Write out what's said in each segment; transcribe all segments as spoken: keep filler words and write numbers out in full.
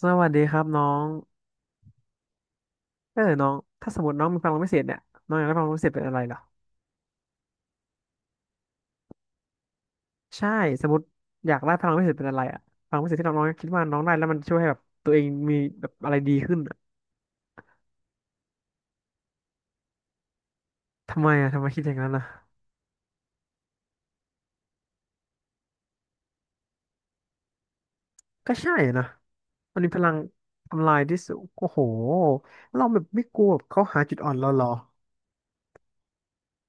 สวัสดีครับน้องเออน้องถ้าสมมติน้องมีพลังพิเศษเนี่ยน้องอยากได้พลังพิเศษเป็นอะไรเหรอใช่สมมติอยากได้พลังพิเศษเป็นอะไรอะพลังพิเศษที่น้องน้องคิดว่าน้องได้แล้วมันช่วยให้แบบตัวเองมีแบบอะไรดีขึ้นอะทำไมอะทำไมคิดอย่างนั้นอะก็ใช่นะมันมีพลังทำลายที่สุดโอ้โหเราแบบไม่กลัวแบบเขาหาจุดอ่อนเราเหรอ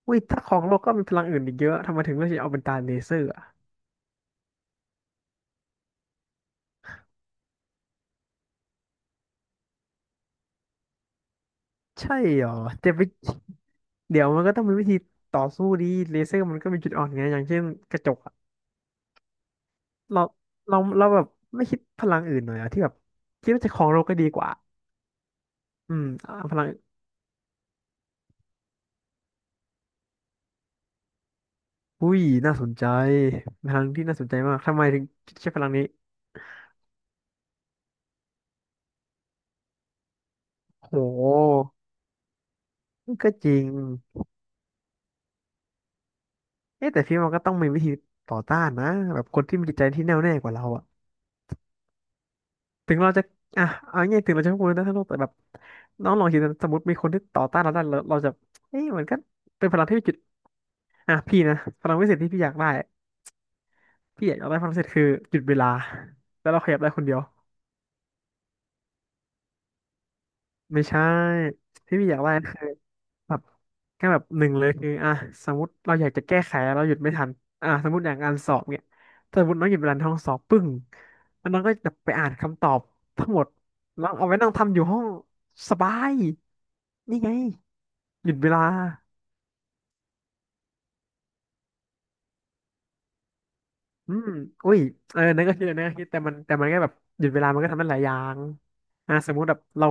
อุ้ยถ้าของโลกก็มีพลังอื่นอีกเยอะทำไมถึงเลือกที่จะเอาเป็นตาเลเซอร์อะใช่เหรอจะไปเดี๋ยวมันก็ต้องมีวิธีต่อสู้ดีเลเซอร์มันก็มีจุดอ่อนไงอย่างเช่นกระจก เราเราเราแบบไม่คิดพลังอื่นหน่อยอะที่แบบคิดว่าจะครองโลกก็ดีกว่าอืมอ่าพลังอุ้ยน่าสนใจพลังที่น่าสนใจมากทำไมถึงใช้พลังนี้โหก็จริงเอ๊ะแต่พี่มันก็ต้องมีวิธีต่อต้านนะแบบคนที่มีจิตใจที่แน่วแน่กว่าเราอะถึงเราจะอ่ะเอาง่ายๆถึงเราจะพูดนะทั้งโลกแต่แบบน้องลองคิดนะสมมติมีคนที่ต่อต้านเราได้เราเราจะเอ๊ะมันก็เป็นพลังที่มีจุดอ่ะพี่นะพลังวิเศษที่พี่อยากได้พี่อยากได้พลังพิเศษคือหยุดเวลาแล้วเราขยับได้คนเดียว ไม่ใช่ที่พี่อยากได้คือแบบแค่แบบหนึ่งเลยคืออ่ะสมมติเราอยากจะแก้ไขเราหยุดไม่ทันอ่ะสมมติอย่างการสอบเนี่ยถ้าสมมติน้องหยุดเวลาในห้องสอบปึ้งแล้วน้องก็แบบไปอ่านคำตอบทั้งหมดแล้วเอาไว้นั่งทำอยู่ห้องสบายนี่ไงหยุดเวลา อืมอุ้ยเออนั่นก็คิดนั่นก็คิดแต่มันแต่มันก็แบบหยุดเวลามันก็ทำได้หลายอย่างอ่าสมมุติแบบเรา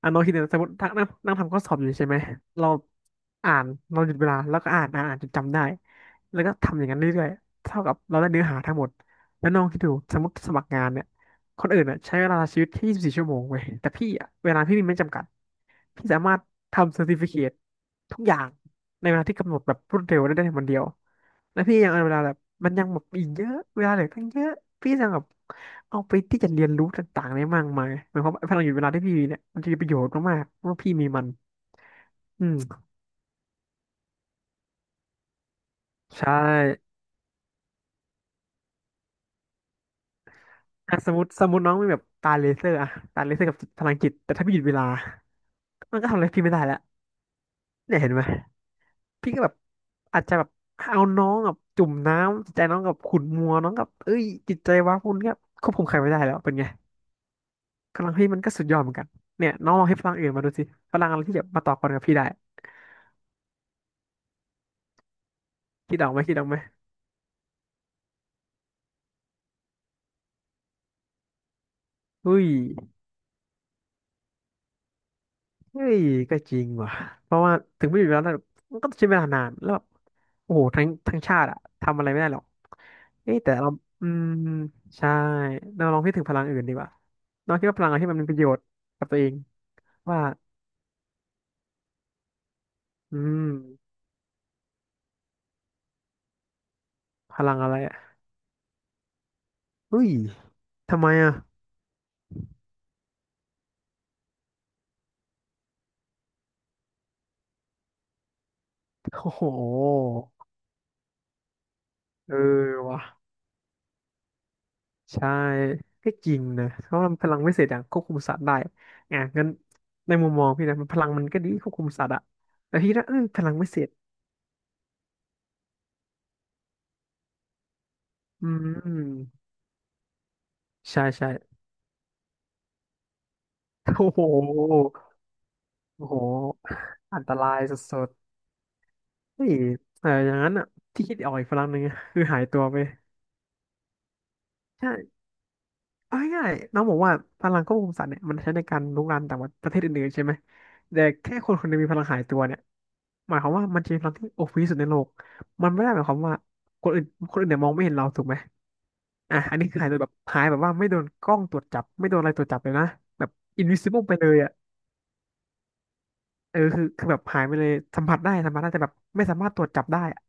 อ่ะน้อ้คิดเนะสมมตินั่งนั่งนั่งทำข้อสอบอยู่ใช่ไหมเราอ่านเราหยุดเวลาแล้วก็อ่านอ่านอ่านจนจำได้ แล้วก็ทำอย่างนั้นเรื่อยๆเท่ากับเราได้เนื้อหาทั้งหมด แล้วน้องคิดดูสมมติสมัครงานเนี่ยคนอื่นอ่ะใช้เวลาชีวิตที่ยี่สิบสี่ชั่วโมงเว้ยแต่พี่อ่ะเวลาพี่มีไม่จำกัดพี่สามารถทำเซอร์ติฟิเคททุกอย่างในเวลาที่กำหนดแบบรวดเร็วได้ในวันเดียว แล้วพี่ยังเอาเวลาแบบมันยังแบบอีกเยอะเวลาเหลือตั้งเยอะพี่ยังแบบเอาไปที่จะเรียนรู้ต่างๆได้มากมายหมายความว่าพลังหยุดเวลาที่พี่มีเนี่ยมันจะมีประโยชน์มากๆเพราะว่าพี่มีมันอืมใช่อ่ะสมมติสมมติน้องมีแบบตาเลเซอร์อะตาเลเซอร์กับจิตพลังจิตแต่ถ้าพี่หยุดเวลามันก็ทำอะไรพี่ไม่ได้แล้วเนี่ยเห็นไหมพี่ก็แบบอาจจะแบบเอาน้องกับจุ่มน้ำจิตใจน้องกับขุ่นมัวน้องกับเอ้ยจิตใจว้าวุ่นก็ควบคุมใครไม่ได้แล้วเป็นไง กำลังพี่มันก็สุดยอดเหมือนกันเนี่ยน้องลองให้พลังอื่นมาดูสิพลังอะไรที่แบบมาต่อกรกับพี่ได้คิดออกไหมคิดออกไหมอุ้ยเฮ้ยก็จริงว่ะเพราะว่าถึงไม่อยู่แล้วนะมันก็ต้องใช้เวลานานแล้วแบบโอ้โหทั้งทั้งชาติอะทำอะไรไม่ได้หรอกเอ้ยแต่เราอืมใช่เราลองพิจารณาถึงพลังอื่นดีกว่าน้องคิดว่าพลังอะไรที่มันมีประโยชน์กับตัวเองว่าอืมพลังอะไรอะอุ้ยทำไมอะโอ้โหเออว่ะ ใช่ก็จริงนะเพราะว่ามันพลังวิเศษอย่างควบคุมสัตว์ได้อ่ะงั้นในมุมมองพี่นะมันพลังมันก็ดีควบคุมสัตว์อะแต่พี่นะเออพลังวิเศษอืมใช่ใช่ โอ้โหโอ้โหอันตรายสุดๆเฮ้ยแต่อย่างนั้นอ่ะที่คิดออกอีกพลังหนึ่งอะคือหายตัวไป เอาง่ายๆน้องบอกว่าพลังควบคุมสัตว์เนี่ยมันใช้ในการรุกรานแต่ว่าประเทศอื่นๆใช่ไหมแต่แค่คนคนหนึงมีพลังหายตัวเนี่ยหมายความว่ามันจะมีพลังที่โอพีสุดในโลกมันไม่ได้หมายความว่าคนอื่นคนอื่นเนี่ยมองไม่เห็นเราถูกไหมอ่ะอันนี้คือหายตัวแบบหายแบบว่าไม่โดนกล้องตรวจจับไม่โดนอะไรตรวจจับเลยนะแบบ invisible ไปเลยอ่ะเออคือคือแบบหายไปเลยสัมผัสได้สัมผัสได้แต่แบบไม่สามารถตรวจจับได้อะ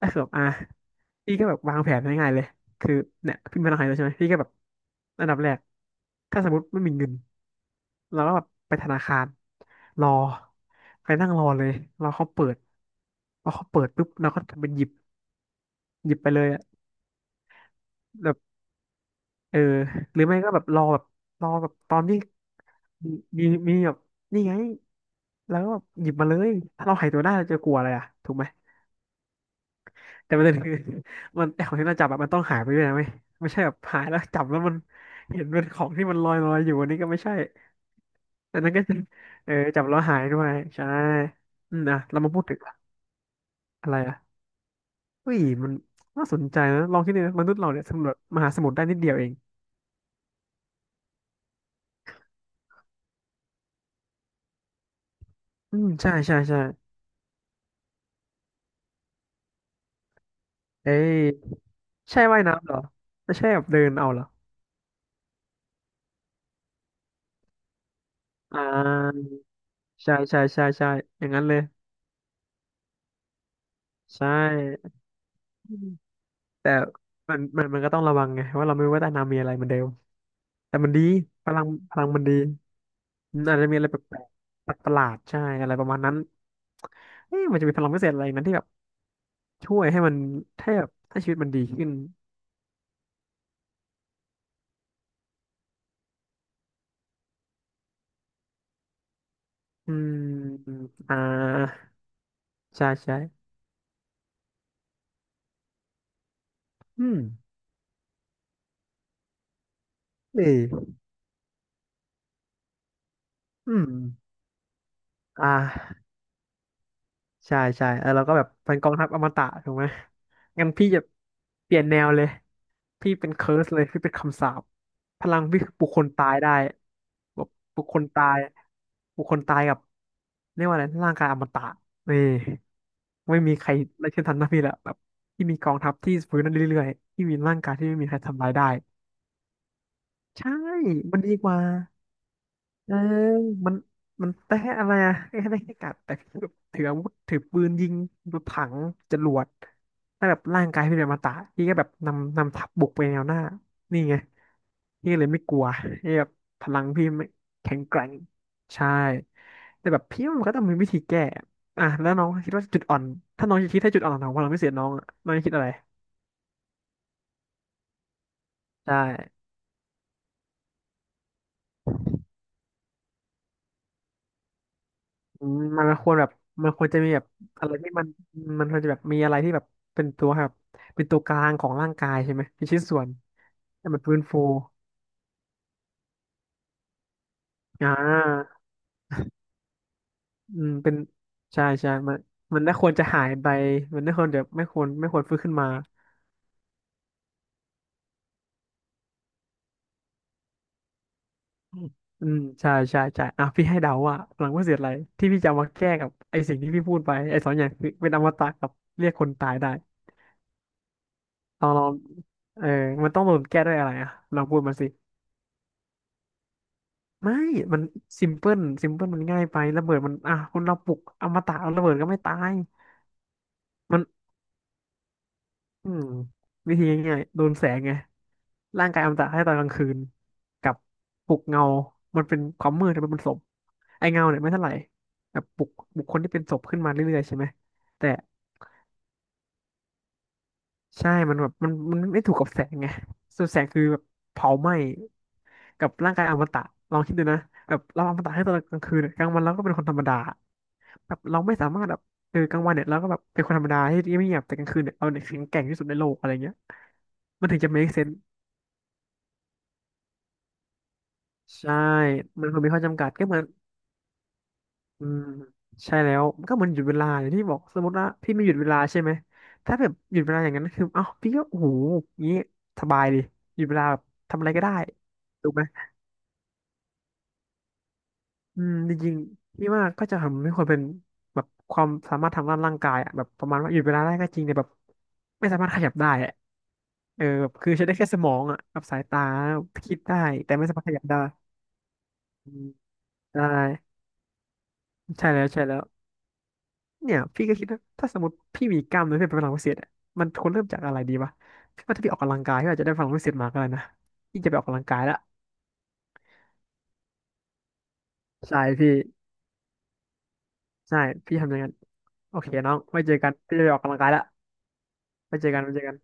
ก็คือแบบอ่ะพี่ก็แบบวางแผนง่ายๆเลยคือเนี่ยพี่มีพลังหายตัวใช่ไหมพี่ก็แบบอันดับแรกถ้าสมมติไม่มีเงิน เราก็แบบไปธนาคารรอไปนั่งรอเลยรอเขาเปิดพอเขาเปิดปุ๊บเราก็ทำเป็นหยิบหยิบไปเลยอะแบบเออหรือไม่ก็แบบรอแบบรอแบบตอนที่มีมีมีแบบนี่ไงแล้วก็แบบหยิบมาเลยถ้าเราหายตัวได้เราจะกลัวอะไรอะถูกไหมแต่ประเด็นคือ มันไอของที่เราจับอะมันต้องหายไปด้วยนะไม่ไม่ใช่แบบหายแล้วจับแล้วมันเห็นเป็นของที่มันลอยลอยอยู่อันนี้ก็ไม่ใช่อันนั้นก็จะ เออจับแล้วหายด้วยใช่อืมอ่ะเรามาพูดถึงอะไรอะ เฮ้ยมันน่าสนใจนะลองคิดดูนะมนุษย์เราเนี่ยสำรวจมหาสมุทรได้นิดเดียวเองอืมใช่ใช่ใช่เอ้ยใช่ว่ายน้ำเหรอไม่ใช่แบบเดินเอาเหรออ่าใช่ใช่ใช่ใช่อย่างนั้นเลยใช่อืมแต่มันมันมันก็ต้องระวังไงว่าเราไม่รู้ว่าใต้น้ำมีอะไรเหมือนเดิมแต่มันดีพลังพลังมันดีอืมอาจจะมีอะไรแปลกๆประหลาดๆใช่อะไรประมาณนั้นเอ๊ะมันจะมีพลังพิเศษอะไรนั้นที่แบบช่วยให้มันให้แบบให้ชีวิตมันดีขึ้นอืมอ่าใช่ใช่อืม นี่อืมอ่าใช่ใช่เออเราก็แบบเป็นกองทัพอมตะถูกไหมงั้นพี่จะเปลี่ยนแนวเลยพี่เป็นเคิร์สเลยพี่เป็นคำสาปพลังพี่คือปลุกคนตายได้แบบปลุกคนตายปลุกคนตายกับเรียกว่าอะไรร่างกายอมตะนี่ไม่มีใครไล่เช่นทันนะพี่ละแบบที่มีกองทัพที่ฟื้นนั่นเรื่อยๆที่มีร่างกายที่ไม่มีใครทำลายได้ใช่มันดีกว่า เออมันมันแต่อะไรอะแค่ได้แค่กัดแต่ถืออาวุธถือปืนยิงถังจรวดถ้าแบบร่างกายพี่เป็นอมตะพี่ก็แบบนำนำทัพบุกไปแนวหน้า นี่ไงพี่ก็เลยไม่กลัวพี่แบบพลังพี่ไม่แข็งแกร่งใช่แต่แบบพี่ว่ามันก็ต้องมีวิธีแก้อ่ะแล้วน้องคิดว่าจุดอ่อนถ้าน้องจะคิดให้จุดอ่อนของพลังพิเศษน้องอะน้องจะคิดอะไรใช่ อืมมันควรแบบมันควรจะมีแบบอะไรที่มันมันควรจะแบบมีอะไรที่แบบเป็นตัวแบบเป็นตัวกลางของร่างกายใช่ไหมเป็นชิ้นส่วนให้มันฟื้นฟูอ่าอืมเป็นใช่ใช่มันมันไม่ควรจะหายไปมันไม่ควรจะไม่ควรไม่ควรฟื้นขึ้นมาอืมอืมใช่ใช่ใช่อ่ะพี่ให้เดาว่าหลังว่าเสียอะไรที่พี่จะเอามาแก้กับไอ้สิ่งที่พี่พูดไปไอ้สองอย่างคือเป็นอมตะกับเรียกคนตายได้ลองลองเออมันต้องโดนแก้ด้วยอะไรอ่ะลองพูดมาสิ ไม่ มันซิมเพิลซิมเพิลมันง่ายไประเบิดมัน อ่ะคนเราปลุกอมตะเอาระเบิดก็ไม่ตาย มัน อืม วิธีง่ายๆโดนแสงไง ร่างกายอมตะให้ตอนกลางคืน กับปลุกเงา มันเป็นความมืดแต่มันเป็นศพไอ้เงาเนี่ยไม่เท่าไหร่แบบปลุกปลุกคนที่เป็นศพขึ้นมาเรื่อยๆใช่ไหม แต่ ใช่ มันแบบมันมันไม่ถูกกับแสงไงส่วนแสงคือแบบเผาไหม้กับร่างกายอมตะลองคิดดูนะแบบเราอมตะให้ตอนกลางคืนกลางวันเราก็เป็นคนธรรมดาแบบเราไม่สามารถแบบเออกลางวันเนี่ยเราก็แบบเป็นคนธรรมดาที่ไม่เงียบแต่กลางคืนเนี่ยเราเนี่ยแข็งแกร่งที่สุดในโลกอะไรเงี้ยมันถึงจะ เมค เซนส์ ใช่มันคงมีข้อจำกัดก็เหมือน อืมใช่แล้วมันก็เหมือนหยุดเวลาอย่างที่บอกสมมติว่าพี่ไม่หยุดเวลาใช่ไหมถ้าแบบหยุดเวลาอย่างนั้นคือเอ้าพี่ก็โอ้โหงี้สบายดิหยุดเวลาแบบทำอะไรก็ได้ถูกไหมอืมจริงๆพี่ว่าก็จะทำให้คนเป็นแบบความสามารถทางด้านร่างกายอะแบบประมาณว่าหยุดเวลาได้ก็จริงแต่แบบไม่สามารถขยับได้อะเออแบบคือใช้ได้แค่สมองอ่ะกับสายตาคิดได้แต่ไม่สามารถขยับได้อืมได้ใช่แล้วใช่แล้ว เนี่ยพี่ก็คิดนะถ้าสมมติพี่มีกล้ามเนื้อเพื่อเป็นพลังพิเศษอะมันควรเริ่มจากอะไรดีวะพี่ว่าถ้าพี่ออกกำลังกายพี่อาจจะได้พลังพิเศษมาก็ได้นะพี่จะไปออกกำลังกายละใช่พี่ใช่พี่ทำอย่างนั้นโอเคน้องไว้เจอกันพี่จะไปออกกำลังกายละไว้เจอกันไว้เจอกัน